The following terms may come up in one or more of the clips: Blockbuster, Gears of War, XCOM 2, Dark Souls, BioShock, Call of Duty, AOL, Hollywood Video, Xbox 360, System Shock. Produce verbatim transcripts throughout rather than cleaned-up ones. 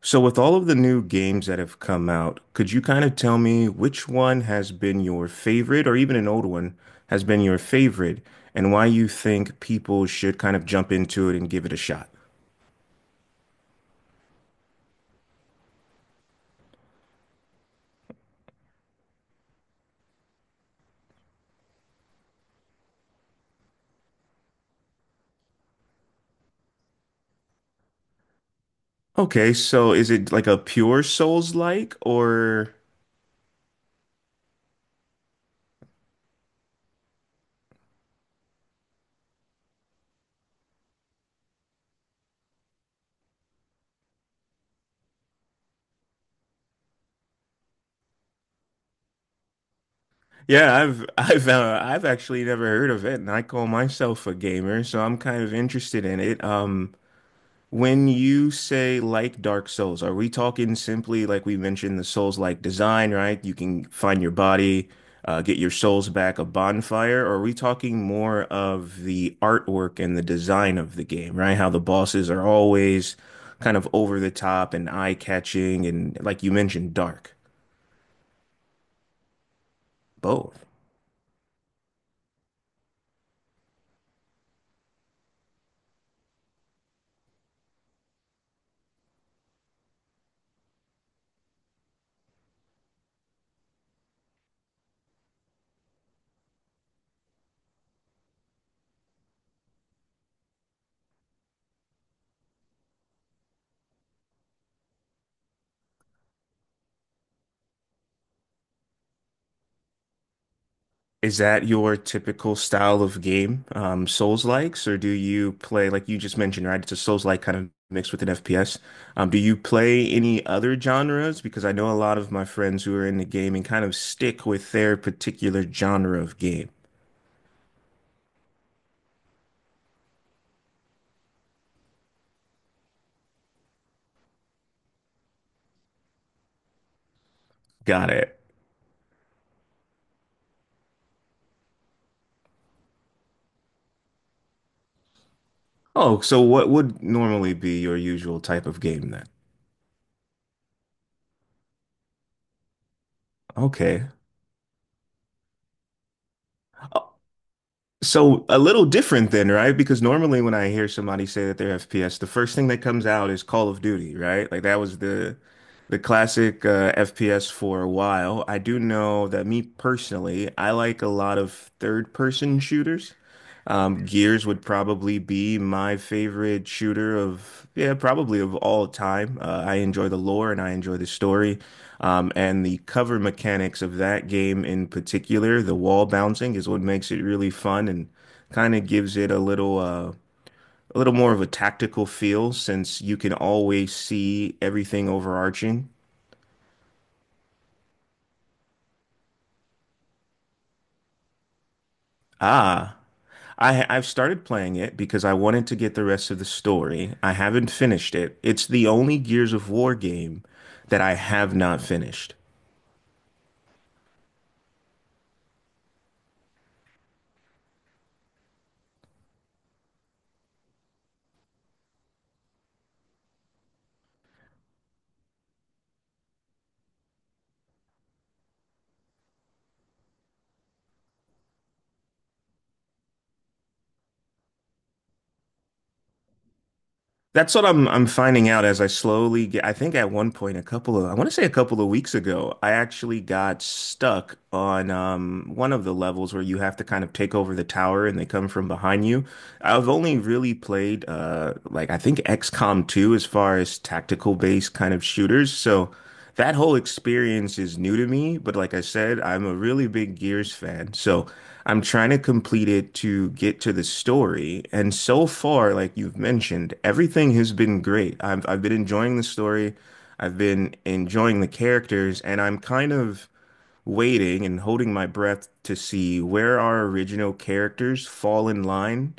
So, with all of the new games that have come out, could you kind of tell me which one has been your favorite, or even an old one has been your favorite, and why you think people should kind of jump into it and give it a shot? Okay, so is it like a pure Souls-like, or yeah, I've I've uh, I've actually never heard of it, and I call myself a gamer, so I'm kind of interested in it. Um, When you say like Dark Souls, are we talking simply like we mentioned the Souls-like design, right? You can find your body, uh, get your souls back, a bonfire, or are we talking more of the artwork and the design of the game, right? How the bosses are always kind of over the top and eye-catching and, like you mentioned, dark. Both. Is that your typical style of game? um, Souls-likes, or do you play, like you just mentioned, right? It's a Souls-like kind of mixed with an F P S. Um, do you play any other genres? Because I know a lot of my friends who are in the gaming kind of stick with their particular genre of game. Got it. Oh, so what would normally be your usual type of game then? Okay. So a little different then, right? Because normally when I hear somebody say that they're F P S, the first thing that comes out is Call of Duty, right? Like that was the the classic uh, F P S for a while. I do know that, me personally, I like a lot of third person shooters. Um, Gears would probably be my favorite shooter of, yeah, probably of all time. Uh, I enjoy the lore and I enjoy the story. Um, and the cover mechanics of that game in particular, the wall bouncing, is what makes it really fun and kind of gives it a little uh, a little more of a tactical feel since you can always see everything overarching. Ah, I I've started playing it because I wanted to get the rest of the story. I haven't finished it. It's the only Gears of War game that I have not finished. That's what I'm I'm finding out as I slowly get. I think at one point, a couple of I want to say a couple of weeks ago, I actually got stuck on um, one of the levels where you have to kind of take over the tower and they come from behind you. I've only really played uh, like I think XCOM two as far as tactical based kind of shooters, so. That whole experience is new to me, but like I said, I'm a really big Gears fan. So I'm trying to complete it to get to the story. And so far, like you've mentioned, everything has been great. I've I've been enjoying the story. I've been enjoying the characters, and I'm kind of waiting and holding my breath to see where our original characters fall in line.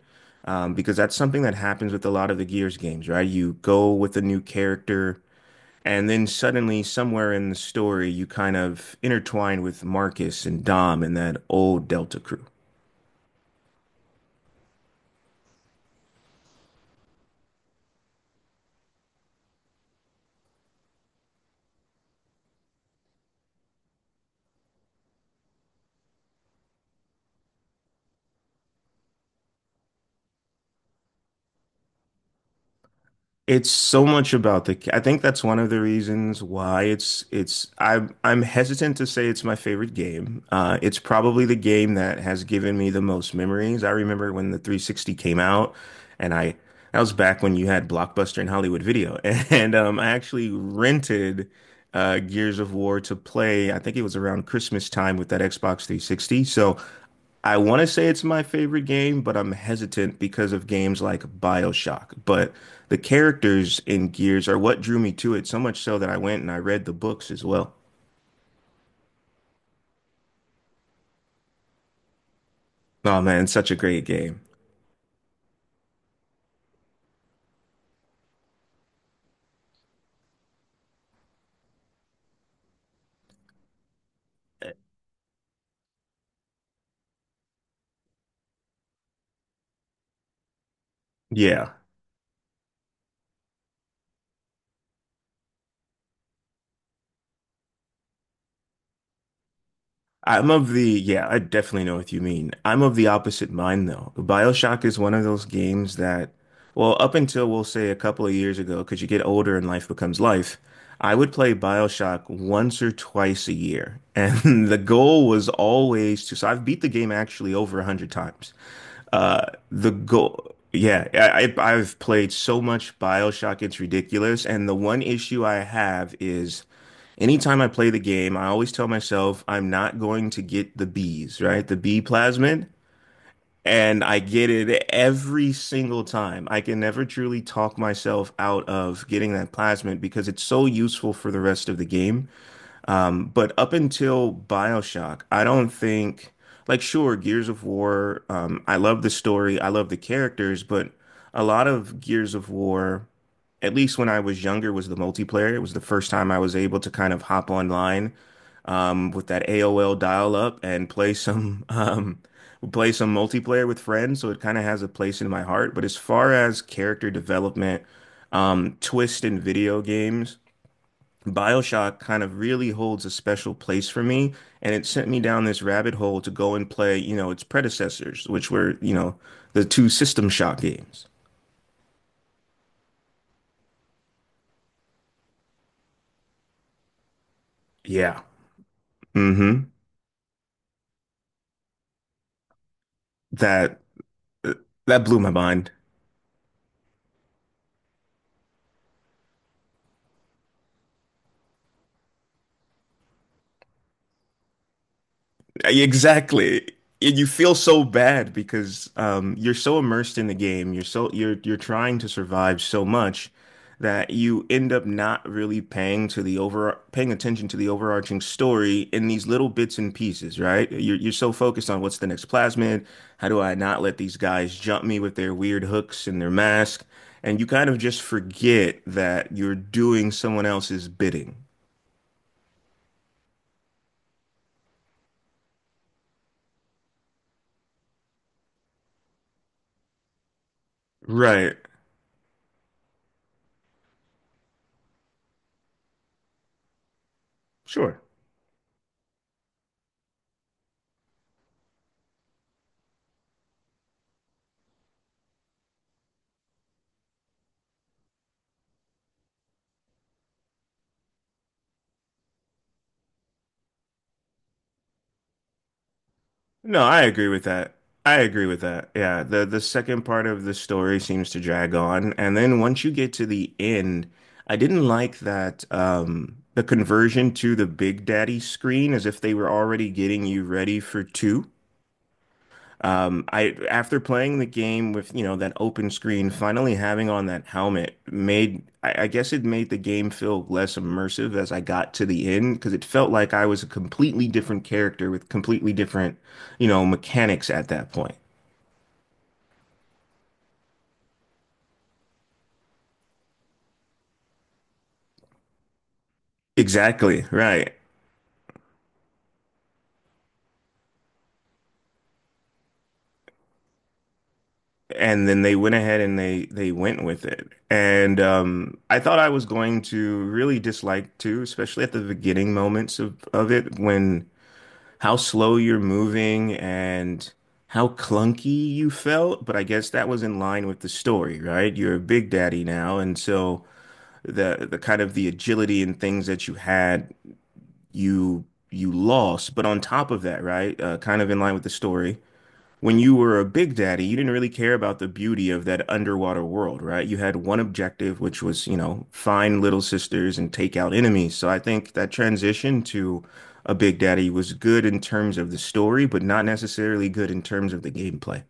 Um, because that's something that happens with a lot of the Gears games, right? You go with a new character and then suddenly, somewhere in the story, you kind of intertwine with Marcus and Dom and that old Delta crew. It's so much about the. I think that's one of the reasons why it's it's. I'm I'm hesitant to say it's my favorite game. Uh, it's probably the game that has given me the most memories. I remember when the three sixty came out, and I that was back when you had Blockbuster and Hollywood Video, and um, I actually rented uh, Gears of War to play. I think it was around Christmas time with that Xbox three sixty. So I want to say it's my favorite game, but I'm hesitant because of games like BioShock. But the characters in Gears are what drew me to it, so much so that I went and I read the books as well. Oh man, it's such a great game. Yeah. I'm of the, yeah, I definitely know what you mean. I'm of the opposite mind though. BioShock is one of those games that, well, up until we'll say a couple of years ago, because you get older and life becomes life, I would play BioShock once or twice a year. And the goal was always to, so I've beat the game actually over one hundred times. Uh, the goal, yeah, I, I- I've played so much BioShock, it's ridiculous. And the one issue I have is, anytime I play the game, I always tell myself I'm not going to get the bees, right? The bee plasmid. And I get it every single time. I can never truly talk myself out of getting that plasmid because it's so useful for the rest of the game. Um, but up until BioShock, I don't think, like, sure, Gears of War, um, I love the story, I love the characters, but a lot of Gears of War, at least when I was younger, was the multiplayer. It was the first time I was able to kind of hop online um, with that A O L dial-up and play some um, play some multiplayer with friends. So it kind of has a place in my heart. But as far as character development, um, twist in video games. BioShock kind of really holds a special place for me, and it sent me down this rabbit hole to go and play, you know, its predecessors, which were, you know, the two System Shock games. Yeah. Hmm. That uh, that blew my mind. Exactly. And you feel so bad because um, you're so immersed in the game. You're so you're you're trying to survive so much that you end up not really paying to the over paying attention to the overarching story in these little bits and pieces, right? You're you're so focused on what's the next plasmid. How do I not let these guys jump me with their weird hooks and their mask? And you kind of just forget that you're doing someone else's bidding. Right. Sure. No, I agree with that. I agree with that. Yeah, the the second part of the story seems to drag on, and then once you get to the end, I didn't like that um the conversion to the Big Daddy screen, as if they were already getting you ready for two. Um, I, after playing the game with, you know, that open screen, finally having on that helmet made I, I guess it made the game feel less immersive as I got to the end because it felt like I was a completely different character with completely different, you know, mechanics at that point. Exactly, right. And then they went ahead and they they went with it. And um I thought I was going to really dislike too, especially at the beginning moments of of it, when how slow you're moving and how clunky you felt, but I guess that was in line with the story, right? You're a big daddy now, and so the the kind of the agility and things that you had, you you lost. But on top of that, right, uh, kind of in line with the story, when you were a big daddy, you didn't really care about the beauty of that underwater world, right? You had one objective, which was, you know, find little sisters and take out enemies. So I think that transition to a big daddy was good in terms of the story, but not necessarily good in terms of the gameplay.